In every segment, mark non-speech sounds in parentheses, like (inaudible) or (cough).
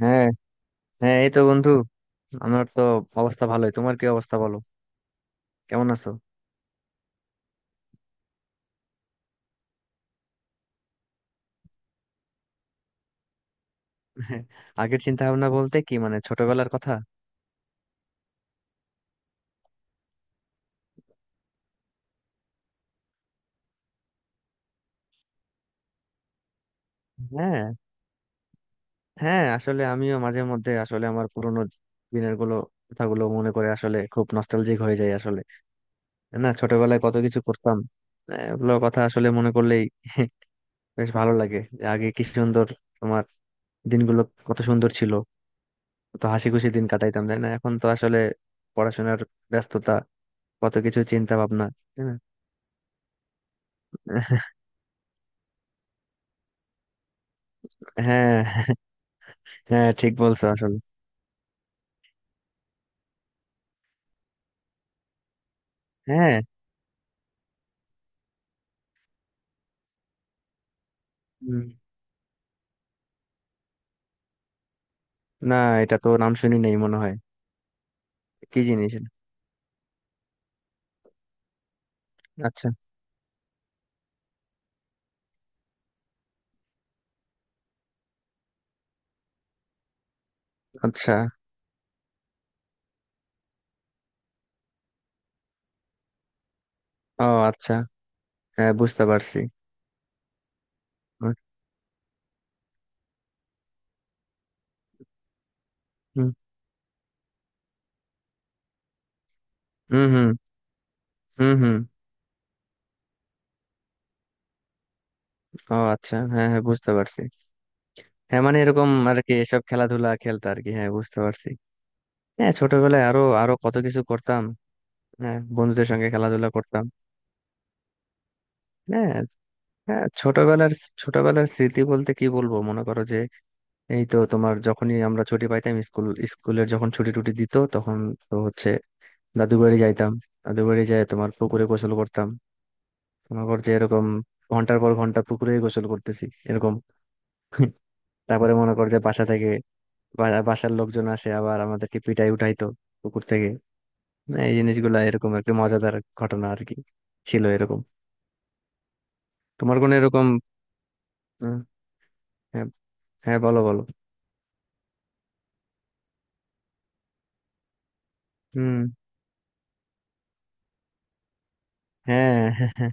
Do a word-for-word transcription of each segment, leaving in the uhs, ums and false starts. হ্যাঁ, হ্যাঁ, এই তো বন্ধু। আমার তো অবস্থা ভালোই। তোমার কি অবস্থা বলো? কেমন আছো? (laughs) আগের চিন্তা ভাবনা বলতে কি মানে ছোটবেলার কথা? হ্যাঁ, হ্যাঁ, আসলে আমিও মাঝে মধ্যে আসলে আমার পুরোনো দিনের গুলো কথাগুলো মনে করে আসলে খুব নস্টালজিক হয়ে যায় আসলে। তাই না, ছোটবেলায় কত কিছু করতাম। আহ, ওগুলো কথা আসলে মনে করলেই (laughs) বেশ ভালো লাগে যে আগে কি সুন্দর তোমার দিনগুলো কত সুন্দর ছিল। কত হাসি খুশি দিন কাটাইতাম, তাই না? এখন তো আসলে পড়াশোনার ব্যস্ততা, কত কিছু চিন্তা ভাবনা। হ্যাঁ, হ্যাঁ, ঠিক বলছো আসলে। হ্যাঁ। হুম। না, এটা তো নাম শুনি নাই মনে হয়। কি জিনিস এটা? আচ্ছা, আচ্ছা। ও আচ্ছা, হ্যাঁ, বুঝতে পারছি। হুম, হুম, হুম, হুম, হুম। ও আচ্ছা, হ্যাঁ, হ্যাঁ, বুঝতে পারছি। হ্যাঁ মানে এরকম আর কি, এসব খেলাধুলা খেলতো আর কি। হ্যাঁ, বুঝতে পারছি। হ্যাঁ, ছোটবেলায় আরো আরো কত কিছু করতাম। হ্যাঁ, বন্ধুদের সঙ্গে খেলাধুলা করতাম। হ্যাঁ, হ্যাঁ, ছোটবেলার ছোটবেলার স্মৃতি বলতে কি বলবো, মনে করো যে এই তো তোমার যখনই আমরা ছুটি পাইতাম, স্কুল স্কুলের যখন ছুটি টুটি দিত তখন তো হচ্ছে দাদুর বাড়ি যাইতাম। দাদুর বাড়ি যায় তোমার, পুকুরে গোসল করতাম। মনে কর যে এরকম ঘন্টার পর ঘন্টা পুকুরে গোসল করতেছি এরকম। (laughs) তারপরে মনে কর যে বাসা থেকে বা- বাসার লোকজন আসে আবার আমাদেরকে পিটাই উঠাইতো পুকুর থেকে। না, এই জিনিসগুলা এরকম একটা মজাদার ঘটনা আর কি ছিল এরকম। তোমার কোনো এরকম উম, হ্যাঁ, হ্যাঁ, বলো, বলো। হুম। হ্যাঁ, হ্যাঁ, হ্যাঁ।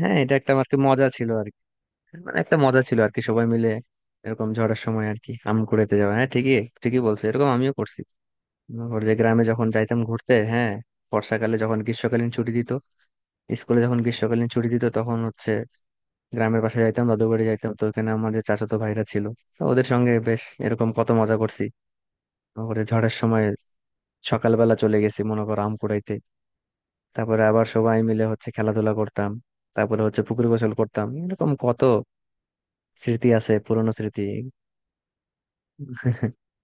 হ্যাঁ, এটা একটা আমার কি মজা ছিল আর কি। মানে একটা মজা ছিল আর কি সবাই মিলে এরকম ঝড়ের সময় আর কি আম কুড়াইতে যাওয়া। হ্যাঁ, ঠিকই, ঠিকই বলছো, এরকম আমিও করছি। ওর যে গ্রামে যখন যাইতাম ঘুরতে, হ্যাঁ, বর্ষাকালে যখন গ্রীষ্মকালীন ছুটি দিত স্কুলে যখন গ্রীষ্মকালীন ছুটি দিত তখন হচ্ছে গ্রামের পাশে যাইতাম, দাদু বাড়ি যাইতাম। তো ওখানে আমাদের চাচাতো ভাইরা ছিল, তো ওদের সঙ্গে বেশ এরকম কত মজা করছি। ওরে ঝড়ের সময় সকালবেলা চলে গেছি মনে করো আম কুড়াইতে। তারপরে আবার সবাই মিলে হচ্ছে খেলাধুলা করতাম। তারপরে হচ্ছে পুকুর গোসল করতাম। এরকম কত স্মৃতি আছে, পুরনো স্মৃতি। (laughs)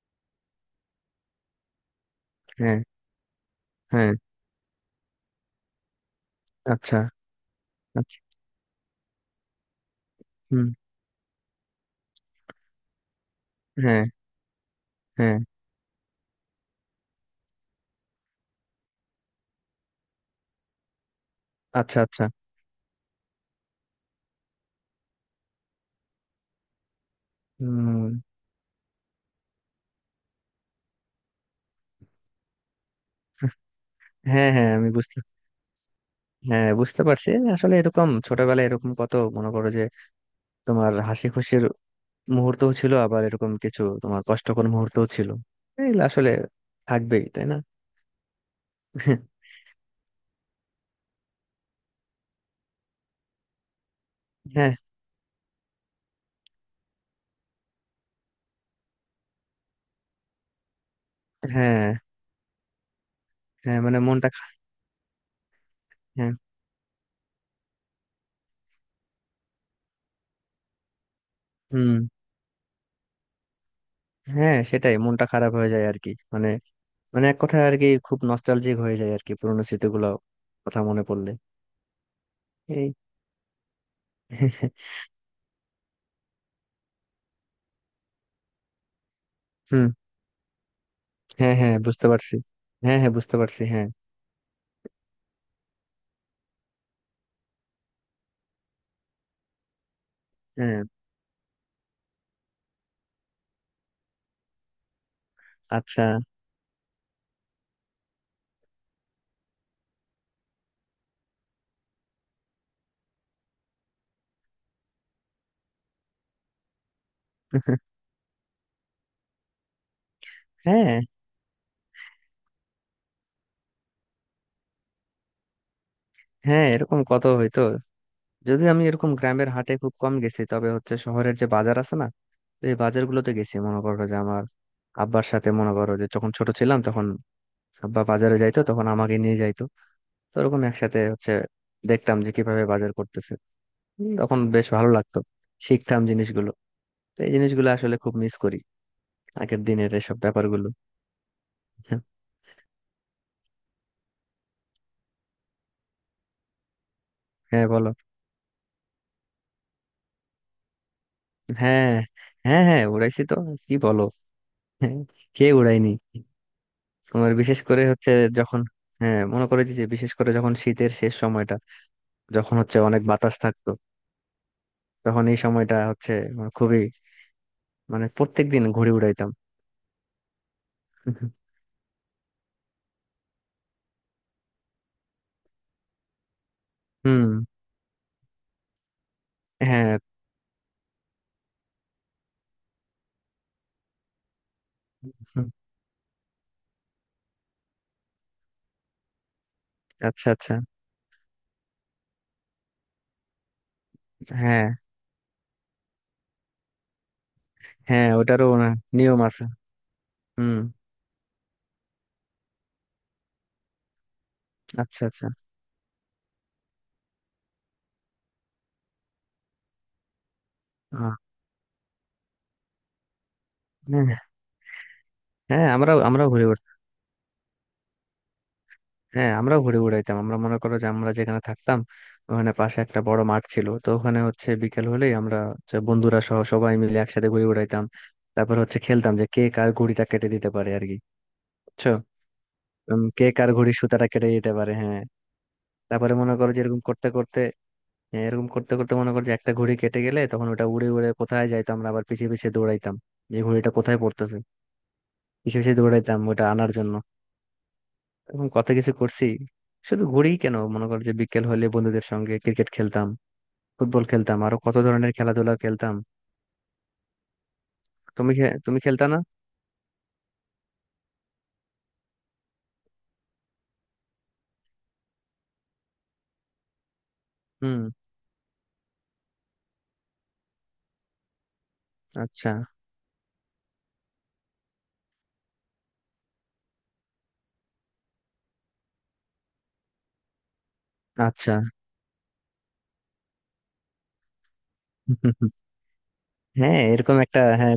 হ্যাঁ, হ্যাঁ। আচ্ছা, আচ্ছা। হুম। হ্যাঁ, হ্যাঁ। আচ্ছা, আচ্ছা। হুম। হ্যাঁ, হ্যাঁ, আমি বুঝতে হ্যাঁ, বুঝতে পারছি। আসলে এরকম ছোটবেলায় এরকম কত মনে করো যে তোমার হাসি খুশির মুহূর্তও ছিল, আবার এরকম কিছু তোমার কষ্টকর মুহূর্তও ছিল। এগুলো আসলে থাকবেই, তাই না? হ্যাঁ, হ্যাঁ। হ্যাঁ মানে মনটা খা- হ্যাঁ। হুম। হ্যাঁ, সেটাই, মনটা খারাপ হয়ে যায় আর কি। মানে, মানে এক কথায় আর কি খুব নস্টালজিক হয়ে যায় আর কি, পুরোনো স্মৃতিগুলো কথা মনে পড়লে। এই (laughs) হুম। হ্যাঁ, হ্যাঁ, বুঝতে পারছি। হ্যাঁ, হ্যাঁ, বুঝতে পারছি। হ্যাঁ, হ্যাঁ, আচ্ছা। (laughs) হ্যাঁ, হ্যাঁ, এরকম কত হইতো। যদি আমি এরকম গ্রামের হাটে খুব কম গেছি, তবে হচ্ছে শহরের যে বাজার আছে না, তো এই বাজারগুলোতে গেছি মনে করো যে আমার আব্বার সাথে। মনে করো যে যখন ছোট ছিলাম তখন আব্বা বাজারে যাইতো, তখন আমাকে নিয়ে যাইতো। তো ওরকম একসাথে হচ্ছে দেখতাম যে কিভাবে বাজার করতেছে। উম, তখন বেশ ভালো লাগতো, শিখতাম জিনিসগুলো। তো এই জিনিসগুলো আসলে খুব মিস করি, আগের দিনের এসব ব্যাপারগুলো। (laughs) হ্যাঁ, বলো। হ্যাঁ, হ্যাঁ, হ্যাঁ, উড়াইছি তো, কি বলো। হ্যাঁ, কে উড়াইনি! তোমার বিশেষ করে হচ্ছে যখন, হ্যাঁ মনে করে যে বিশেষ করে যখন শীতের শেষ সময়টা, যখন হচ্ছে অনেক বাতাস থাকতো, তখন এই সময়টা হচ্ছে আমার খুবই, মানে প্রত্যেক দিন ঘুড়ি উড়াইতাম। হুম। হ্যাঁ। হুম। আচ্ছা, আচ্ছা। হ্যাঁ, হ্যাঁ, ওটারও না নিয়ম আছে। হুম। আচ্ছা, আচ্ছা। আহ, হ্যাঁ, হ্যাঁ, আমরাও আমরাও ঘুড়ি, হ্যাঁ, আমরাও ঘুড়ি উড়াইতাম। আমরা মনে করো যে আমরা যেখানে থাকতাম ওখানে পাশে একটা বড় মাঠ ছিল, তো ওখানে হচ্ছে বিকেল হলেই আমরা হচ্ছে বন্ধুরা সহ সবাই মিলে একসাথে ঘুড়ি উড়াইতাম। তারপর হচ্ছে খেলতাম যে কে কার ঘুড়িটা কেটে দিতে পারে আর কি, বুঝছো। উম, কে কার ঘুড়ির সুতাটা কেটে দিতে পারে, হ্যাঁ। তারপরে মনে করো যে এরকম করতে করতে, হ্যাঁ, এরকম করতে করতে মনে করো যে একটা ঘুড়ি কেটে গেলে তখন ওটা উড়ে উড়ে কোথায় যাইতো, আমরা আবার পিছিয়ে পিছিয়ে দৌড়াইতাম যে ঘুড়িটা কোথায় পড়তেছে, পিছিয়ে পিছিয়ে দৌড়াইতাম ওটা আনার জন্য। এরকম কত কিছু করছি। শুধু ঘুরি কেন, মনে করো যে বিকেল হলে বন্ধুদের সঙ্গে ক্রিকেট খেলতাম, ফুটবল খেলতাম, আরো কত ধরনের খেলাধুলা খেলতাম। তুমি খে- তুমি খেলতা না? হুম। আচ্ছা, আচ্ছা। (laughs) হ্যাঁ, এরকম একটা, হ্যাঁ,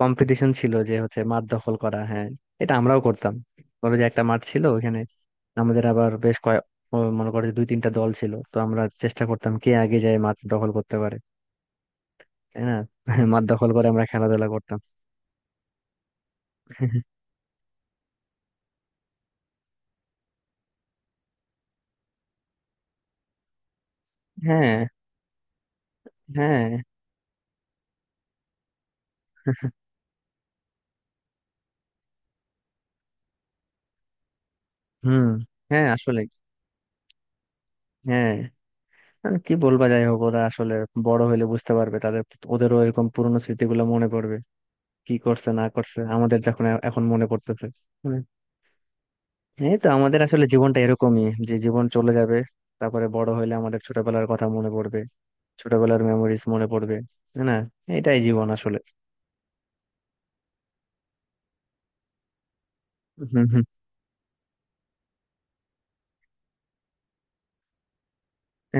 কম্পিটিশন ছিল যে হচ্ছে মাঠ দখল করা, হ্যাঁ, এটা আমরাও করতাম। ধরো যে একটা মাঠ ছিল ওখানে, আমাদের আবার বেশ কয়েক, ও মনে করো যে দুই তিনটা দল ছিল, তো আমরা চেষ্টা করতাম কে আগে যায় মাঠ দখল করতে পারে, তাই না। (laughs) মাঠ দখল করে আমরা খেলাধুলা করতাম। (laughs) হ্যাঁ, হ্যাঁ। হুম। হ্যাঁ আসলে, হ্যাঁ, আর কি বলবা, যাই হোক, ওরা আসলে বড় হলে বুঝতে পারবে। তাদের, ওদেরও এরকম পুরনো স্মৃতিগুলো মনে পড়বে, কি করছে না করছে, আমাদের যখন এ- এখন মনে পড়তেছে। হুম। এই তো আমাদের আসলে জীবনটা এরকমই, যে জীবন চলে যাবে, তারপরে বড় হলে আমাদের ছোটবেলার কথা মনে পড়বে, ছোটবেলার মেমোরিজ মনে পড়বে, তাই না। এটাই জীবন আসলে। হুম, হুম।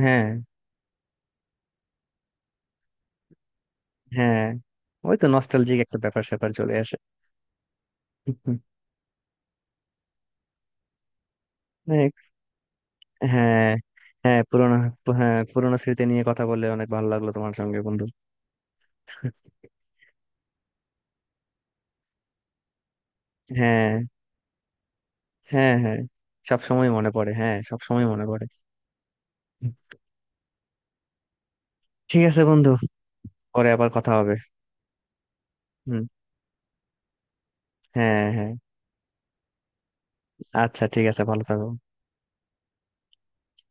হ্যাঁ, হ্যাঁ, ওই তো নস্টালজিক একটা ব্যাপার স্যাপার চলে আসে। হুম, হুম। হ্যাঁ, হ্যাঁ, পুরোনো, হ্যাঁ পুরোনো স্মৃতি নিয়ে কথা বললে অনেক ভালো লাগলো তোমার সঙ্গে, বন্ধু। হ্যাঁ, হ্যাঁ, হ্যাঁ সব সময় মনে পড়ে, হ্যাঁ সব সময় মনে পড়ে। ঠিক আছে বন্ধু, পরে আবার কথা হবে। হুম। হ্যাঁ, হ্যাঁ। আচ্ছা, ঠিক আছে, ভালো থাকো।